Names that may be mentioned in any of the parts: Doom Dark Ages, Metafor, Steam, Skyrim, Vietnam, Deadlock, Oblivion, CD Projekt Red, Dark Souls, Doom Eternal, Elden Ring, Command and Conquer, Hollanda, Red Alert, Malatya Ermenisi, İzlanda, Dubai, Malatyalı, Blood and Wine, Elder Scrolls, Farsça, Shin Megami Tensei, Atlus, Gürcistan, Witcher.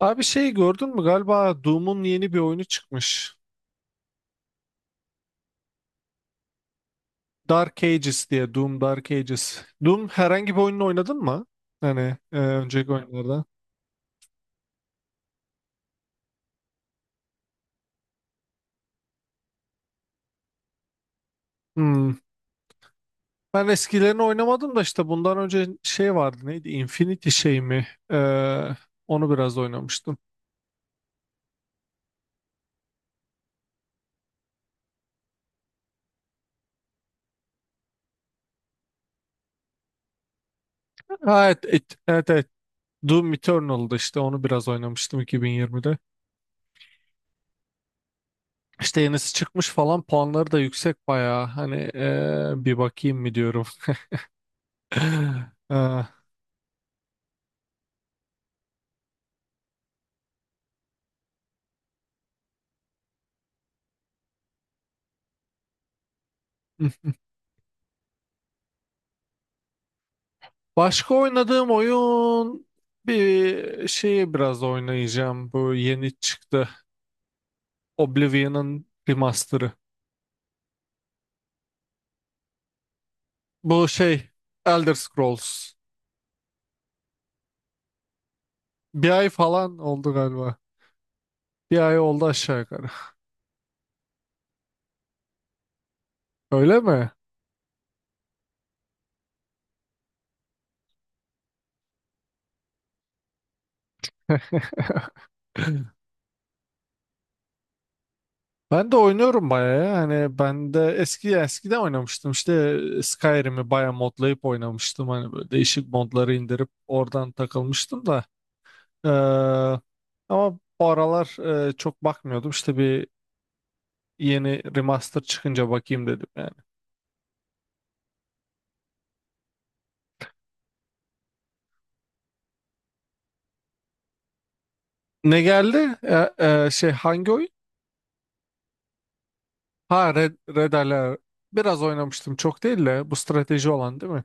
Abi şey gördün mü, galiba Doom'un yeni bir oyunu çıkmış. Dark Ages diye, Doom Dark Ages. Doom herhangi bir oyununu oynadın mı? Hani önceki oyunlarda. Hmm. Ben eskilerini oynamadım da işte bundan önce şey vardı, neydi? Infinity şey mi? Onu biraz oynamıştım. Ha, evet, evet, evet. Doom Eternal'dı, işte onu biraz oynamıştım 2020'de. İşte yenisi çıkmış falan, puanları da yüksek bayağı. Hani bir bakayım mı diyorum. Ee, Başka oynadığım oyun, bir şeyi biraz oynayacağım. Bu yeni çıktı. Oblivion'ın remaster'ı. Bu şey, Elder Scrolls. Bir ay falan oldu galiba. Bir ay oldu aşağı yukarı. Öyle mi? Ben de oynuyorum bayağı ya. Hani ben de eskiden oynamıştım. İşte Skyrim'i bayağı modlayıp oynamıştım. Hani böyle değişik modları indirip oradan takılmıştım da. Ee, ama bu aralar çok bakmıyordum. İşte bir yeni remaster çıkınca bakayım dedim yani. Ne geldi? Şey, hangi oyun? Ha Red, Red Alert. Biraz oynamıştım, çok değil de, bu strateji olan değil mi?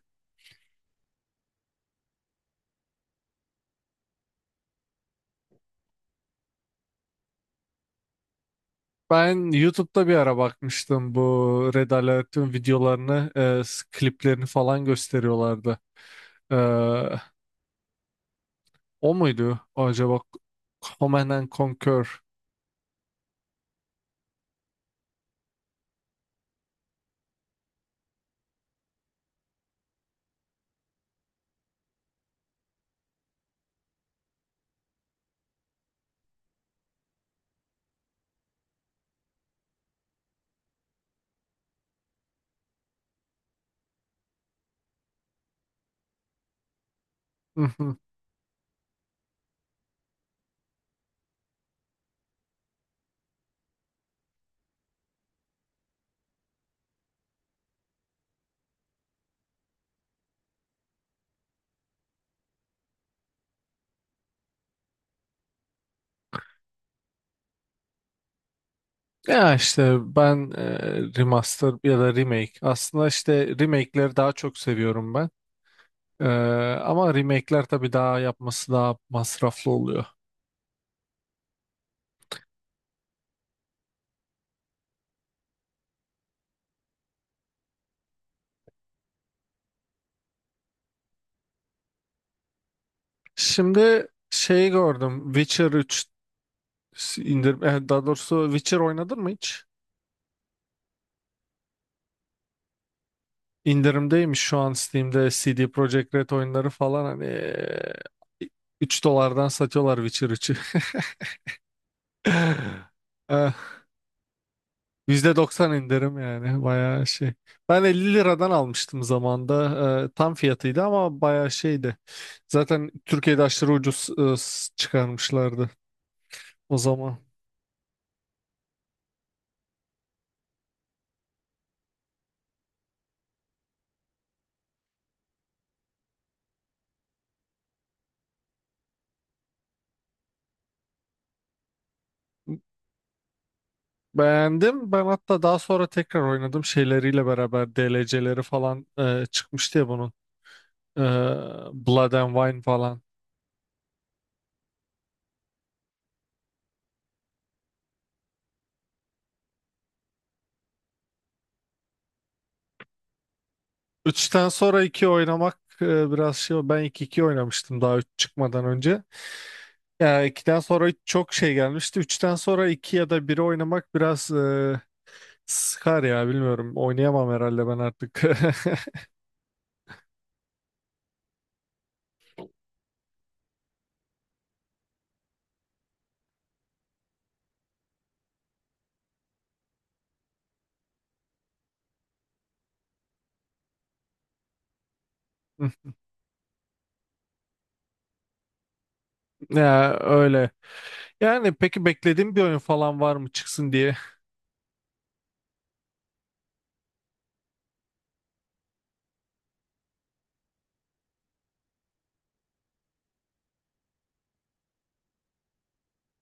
Ben YouTube'da bir ara bakmıştım bu Red Alert'in videolarını, kliplerini falan gösteriyorlardı. Ee, o muydu acaba? Command and Conquer. Ya işte ben remaster ya da remake. Aslında işte remake'leri daha çok seviyorum ben. E, ama remake'ler tabii daha yapması daha masraflı oluyor. Şimdi şeyi gördüm. Witcher 3 indir daha doğrusu, Witcher oynadın mı hiç? İndirimdeymiş şu an Steam'de, CD Projekt Red oyunları falan hani 3 dolardan satıyorlar Witcher 3'ü. %90 indirim yani, bayağı şey. Ben 50 liradan almıştım zamanda. Tam fiyatıydı ama bayağı şeydi. Zaten Türkiye'de aşırı ucuz çıkarmışlardı o zaman. Beğendim. Ben hatta daha sonra tekrar oynadım, şeyleriyle beraber DLC'leri falan çıkmıştı ya bunun. E, Blood and Wine falan. Üçten sonra iki oynamak biraz şey. Ben iki oynamıştım daha 3 çıkmadan önce. Ya 2'den sonra çok şey gelmişti. Üçten sonra 2 ya da 1'i oynamak biraz sıkar ya, bilmiyorum. Oynayamam herhalde ben artık. Ya öyle. Yani peki, beklediğim bir oyun falan var mı çıksın diye?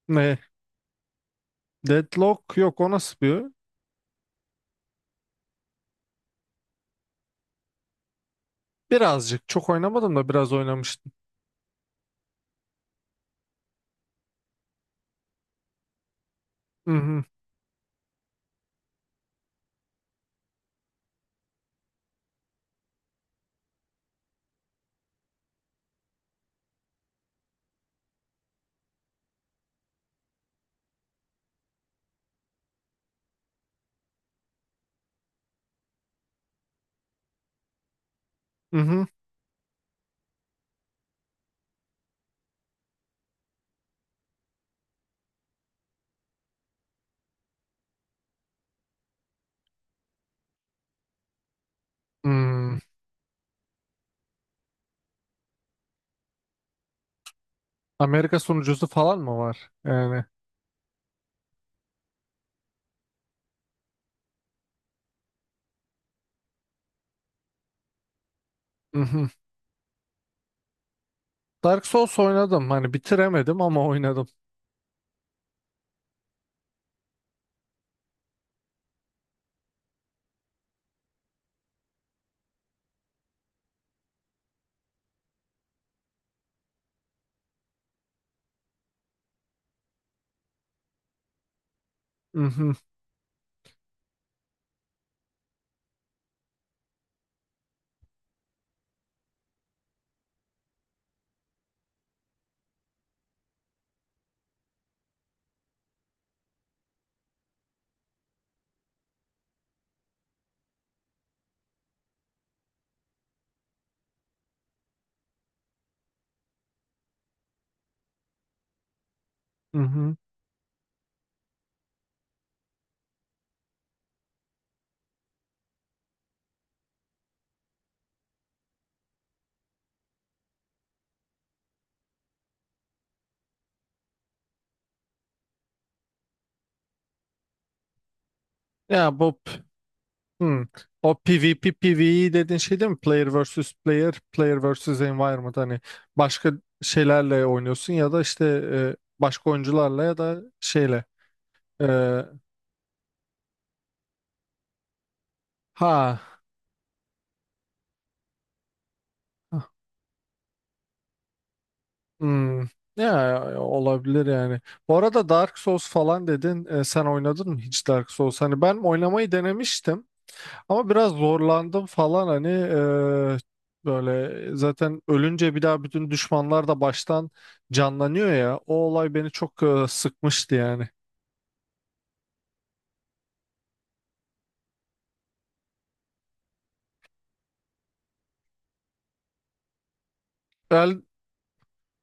Ne? Deadlock, yok o nasıl bir oyun? Birazcık, çok oynamadım da biraz oynamıştım. Hı hı. Hı hı. Hmm. Amerika sunucusu falan mı var? Yani. Hı hı. Dark Souls oynadım. Hani bitiremedim ama oynadım. Hı hı. Hı hı. Ya bu Hmm. O PvP PvE dediğin şey değil mi? Player versus player, player versus environment. Hani başka şeylerle oynuyorsun ya da işte başka oyuncularla, ya da şeyle. E, ha. Hmm. Ya olabilir yani. Bu arada Dark Souls falan dedin. E, sen oynadın mı hiç Dark Souls? Hani ben oynamayı denemiştim. Ama biraz zorlandım falan, hani böyle zaten ölünce bir daha bütün düşmanlar da baştan canlanıyor ya. O olay beni çok sıkmıştı yani.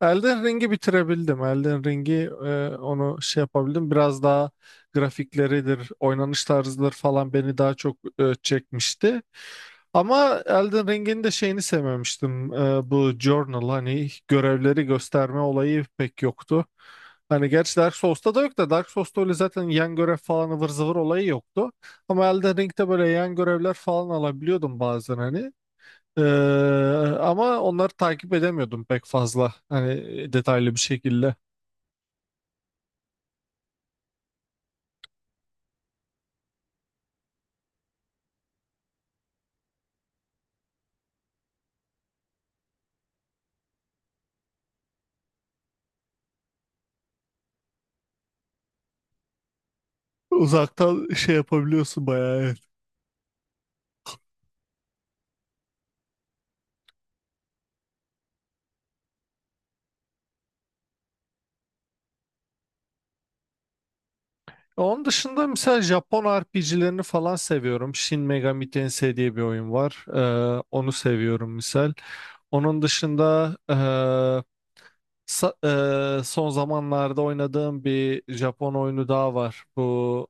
Elden Ring'i bitirebildim. Elden Ring'i onu şey yapabildim. Biraz daha grafikleridir, oynanış tarzıdır falan beni daha çok çekmişti. Ama Elden Ring'in de şeyini sevmemiştim. E, bu journal, hani görevleri gösterme olayı pek yoktu. Hani gerçi Dark Souls'ta da yok da, Dark Souls'ta öyle zaten yan görev falan ıvır zıvır olayı yoktu. Ama Elden Ring'de böyle yan görevler falan alabiliyordum bazen hani. Ee, ama onları takip edemiyordum pek fazla. Hani detaylı bir şekilde. Uzaktan şey yapabiliyorsun bayağı, evet. Onun dışında mesela Japon RPG'lerini falan seviyorum. Shin Megami Tensei diye bir oyun var. Onu seviyorum misal. Onun dışında sa- son zamanlarda oynadığım bir Japon oyunu daha var. Bu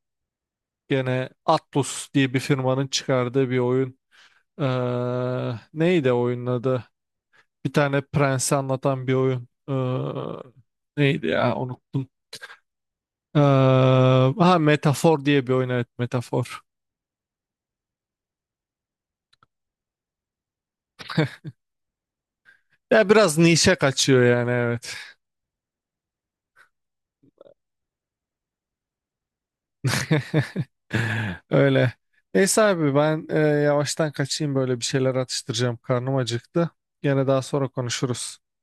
gene Atlus diye bir firmanın çıkardığı bir oyun. Ee, neydi oyunun adı? Bir tane prensi anlatan bir oyun. Neydi ya, unuttum. Ee, ha Metafor diye bir oyun, evet Metafor. Ya biraz nişe kaçıyor yani, evet. Öyle. Neyse abi ben yavaştan kaçayım, böyle bir şeyler atıştıracağım. Karnım acıktı. Gene daha sonra konuşuruz.